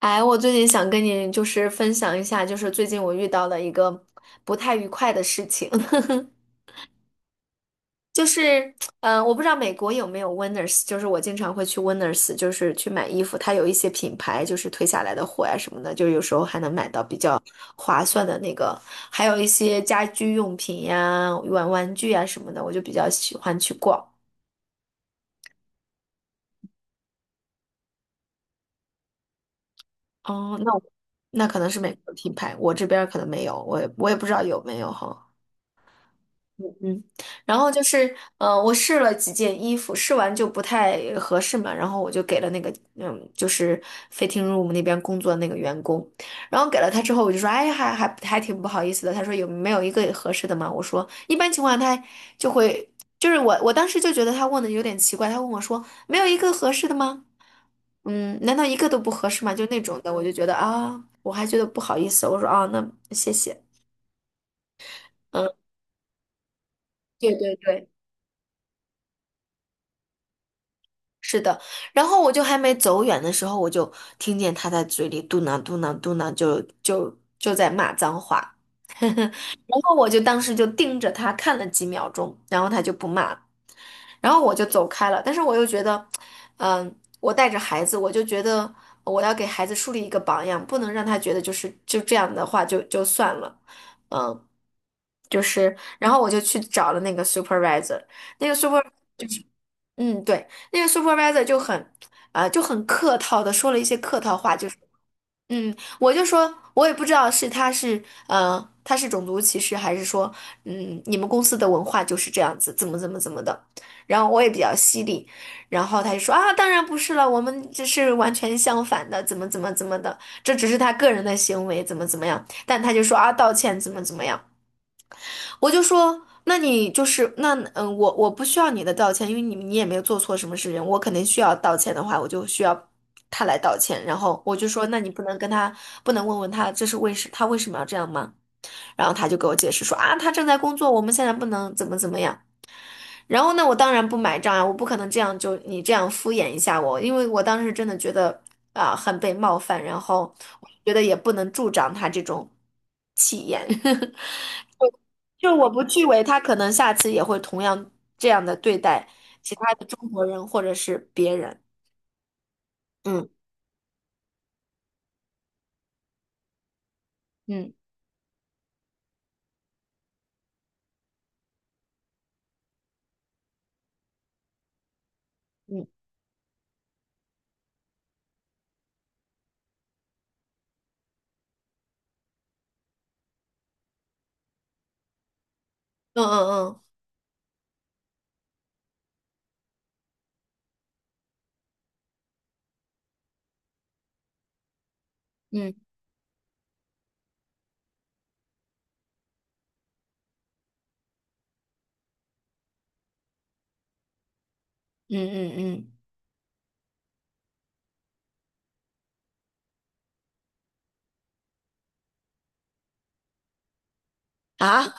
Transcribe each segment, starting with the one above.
哎，我最近想跟你分享一下，就是最近我遇到了一个不太愉快的事情，就是，我不知道美国有没有 Winners，就是我经常会去 Winners，就是去买衣服，它有一些品牌就是退下来的货呀、什么的，就是有时候还能买到比较划算的那个，还有一些家居用品呀、玩玩具呀、什么的，我就比较喜欢去逛。哦，那可能是美国品牌，我这边儿可能没有，我也不知道有没有哈。嗯，然后就是，我试了几件衣服，试完就不太合适嘛，然后我就给了那个，嗯，就是 fitting room 那边工作的那个员工，然后给了他之后，我就说，哎，还挺不好意思的。他说有没有一个合适的嘛？我说一般情况下他就会，就是我当时就觉得他问的有点奇怪，他问我说没有一个合适的吗？嗯，难道一个都不合适吗？就那种的，我就觉得啊，我还觉得不好意思，我说啊，那谢谢，嗯，对对对。是的，然后我就还没走远的时候，我就听见他在嘴里嘟囔嘟囔嘟囔，就在骂脏话，然后我就当时就盯着他看了几秒钟，然后他就不骂了，然后我就走开了。但是我又觉得，嗯，我带着孩子，我就觉得我要给孩子树立一个榜样，不能让他觉得就是就这样的话就算了，嗯，就是，然后我就去找了那个 supervisor，那个 supervisor。嗯，对，那个 supervisor 就很，就很客套的说了一些客套话，就是，嗯，我就说，我也不知道是他是，他是种族歧视，还是说，嗯，你们公司的文化就是这样子，怎么怎么怎么的，然后我也比较犀利，然后他就说啊，当然不是了，我们这是完全相反的，怎么怎么怎么的，这只是他个人的行为，怎么怎么样，但他就说啊，道歉怎么怎么样。我就说，那你就是那嗯，我不需要你的道歉，因为你也没有做错什么事情，我肯定需要道歉的话，我就需要他来道歉。然后我就说，那你不能跟他，不能问他这是为什，他为什么要这样吗？然后他就给我解释说啊，他正在工作，我们现在不能怎么怎么样。然后呢，我当然不买账啊，我不可能这样就你这样敷衍一下我，因为我当时真的觉得啊、很被冒犯，然后我觉得也不能助长他这种气焰，就我不去为他可能下次也会同样这样的对待其他的中国人或者是别人，嗯嗯嗯嗯嗯嗯嗯嗯嗯啊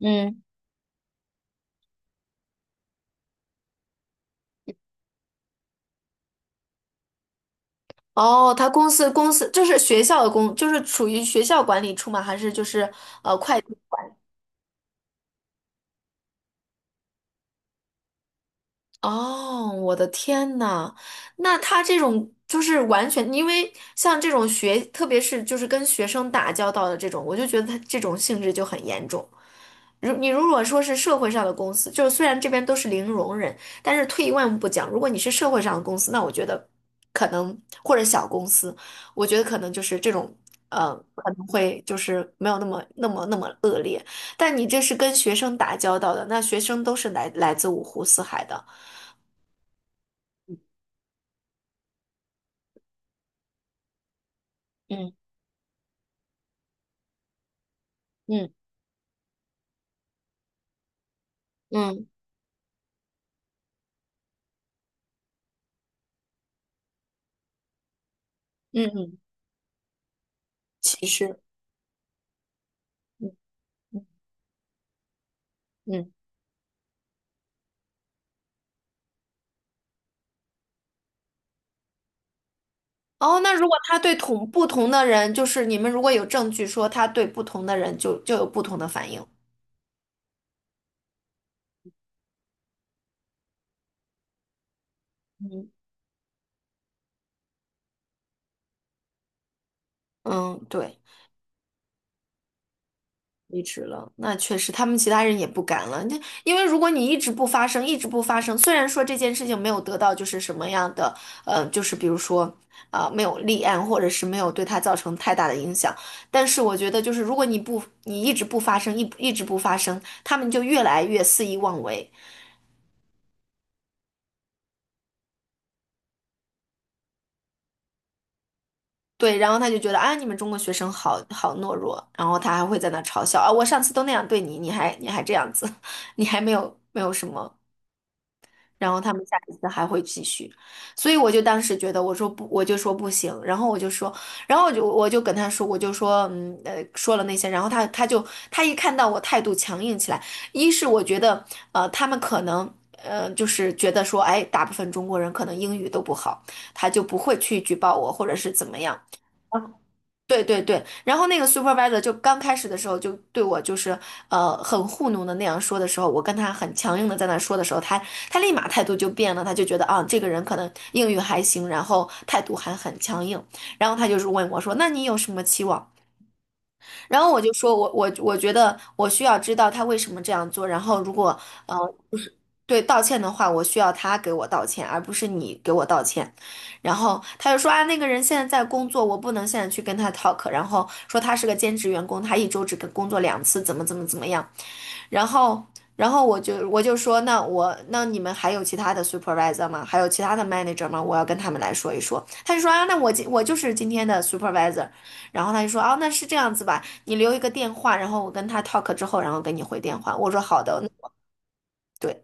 嗯。哦，他公司就是学校的公，就是属于学校管理处吗？还是就是会计？哦，我的天呐，那他这种就是完全，因为像这种学，特别是就是跟学生打交道的这种，我就觉得他这种性质就很严重。如你如果说是社会上的公司，就是虽然这边都是零容忍，但是退一万步讲，如果你是社会上的公司，那我觉得可能或者小公司，我觉得可能就是这种可能会就是没有那么恶劣，但你这是跟学生打交道的，那学生都是来来自五湖四海的。嗯嗯嗯嗯嗯，其实嗯嗯嗯。哦，那如果他对同不同的人，就是你们如果有证据说他对不同的人就有不同的反应。嗯嗯，对。离职了，那确实，他们其他人也不敢了。那因为如果你一直不发声，一直不发声，虽然说这件事情没有得到就是什么样的，就是比如说啊、没有立案，或者是没有对他造成太大的影响，但是我觉得就是如果你不，你一直不发声，一直不发声，他们就越来越肆意妄为。对，然后他就觉得啊，你们中国学生好好懦弱，然后他还会在那嘲笑啊，我上次都那样对你，你还这样子，你还没有什么。然后他们下一次还会继续，所以我就当时觉得，我说不，我就说不行，然后我就说，然后我就跟他说，我就说，说了那些，然后他就他一看到我态度强硬起来，一是我觉得，他们可能就是觉得说，哎，大部分中国人可能英语都不好，他就不会去举报我或者是怎么样。对对对，然后那个 supervisor 就刚开始的时候就对我就是很糊弄的那样说的时候，我跟他很强硬的在那说的时候，他立马态度就变了，他就觉得啊这个人可能英语还行，然后态度还很强硬，然后他就是问我说，那你有什么期望？然后我就说我觉得我需要知道他为什么这样做，然后如果呃就是对道歉的话，我需要他给我道歉，而不是你给我道歉。然后他就说啊，那个人现在在工作，我不能现在去跟他 talk。然后说他是个兼职员工，他一周只跟工作两次，怎么怎么怎么样。然后，然后我就说，那我那你们还有其他的 supervisor 吗？还有其他的 manager 吗？我要跟他们来说一说。他就说啊，那我今我就是今天的 supervisor。然后他就说，啊，那是这样子吧，你留一个电话，然后我跟他 talk 之后，然后给你回电话。我说好的，对。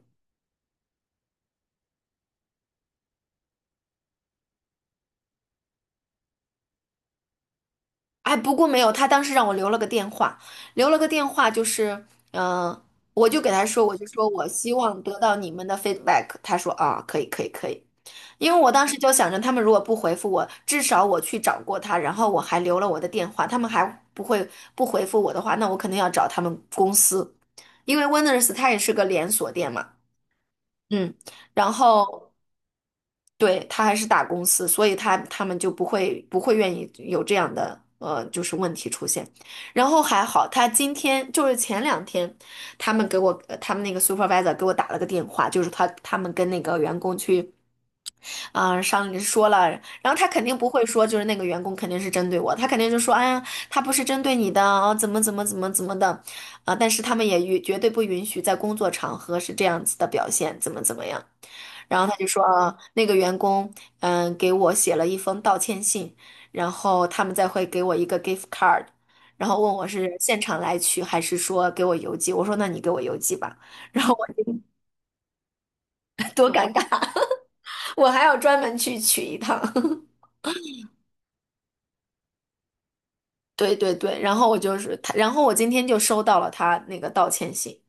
哎，不过没有，他当时让我留了个电话，留了个电话就是，嗯、呃我就给他说，我就说我希望得到你们的 feedback。他说啊，可以，可以，可以。因为我当时就想着，他们如果不回复我，至少我去找过他，然后我还留了我的电话，他们还不会不回复我的话，那我肯定要找他们公司，因为 Winners 它也是个连锁店嘛。嗯，然后对他还是大公司，所以他他们就不会愿意有这样的就是问题出现。然后还好，他今天就是前两天，他们给我他们那个 supervisor 给我打了个电话，就是他们跟那个员工去啊，上说了，然后他肯定不会说，就是那个员工肯定是针对我，他肯定就说，哎呀，他不是针对你的，哦，怎么怎么怎么怎么的，啊、但是他们也允绝对不允许在工作场合是这样子的表现，怎么怎么样。然后他就说，啊，那个员工，嗯，给我写了一封道歉信，然后他们再会给我一个 gift card，然后问我是现场来取还是说给我邮寄，我说那你给我邮寄吧，然后我觉得 多尴尬，我还要专门去取一趟。对对对，然后我就是他，然后我今天就收到了他那个道歉信，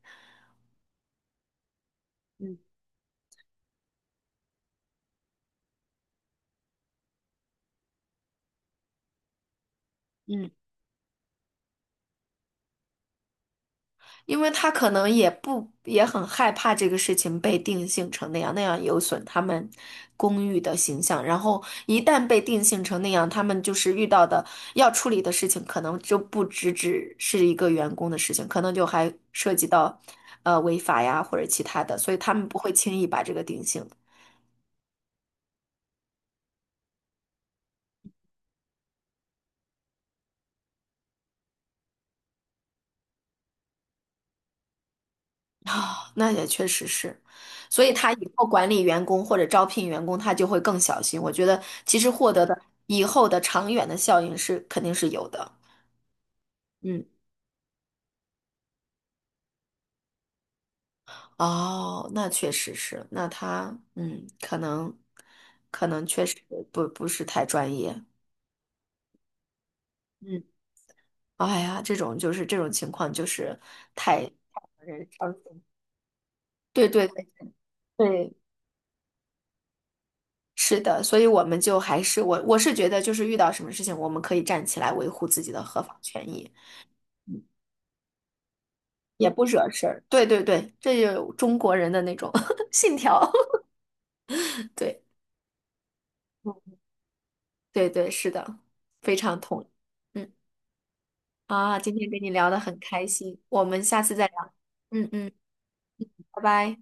嗯嗯因为他可能也不也很害怕这个事情被定性成那样，那样有损他们公寓的形象，然后一旦被定性成那样，他们就是遇到的要处理的事情，可能就不只是一个员工的事情，可能就还涉及到违法呀或者其他的，所以他们不会轻易把这个定性。啊，那也确实是，所以他以后管理员工或者招聘员工，他就会更小心。我觉得其实获得的以后的长远的效应是肯定是有的。嗯，哦，那确实是，那他嗯，可能确实不是太专业。嗯，哎呀，这种就是这种情况就是太让人伤心。对对对，是的，所以我们就还是我是觉得就是遇到什么事情，我们可以站起来维护自己的合法权益。也不惹事儿。对对对，这就是中国人的那种 信条。对，嗯对对，是的，非常同意。嗯今天跟你聊得很开心，我们下次再聊。嗯嗯，拜拜。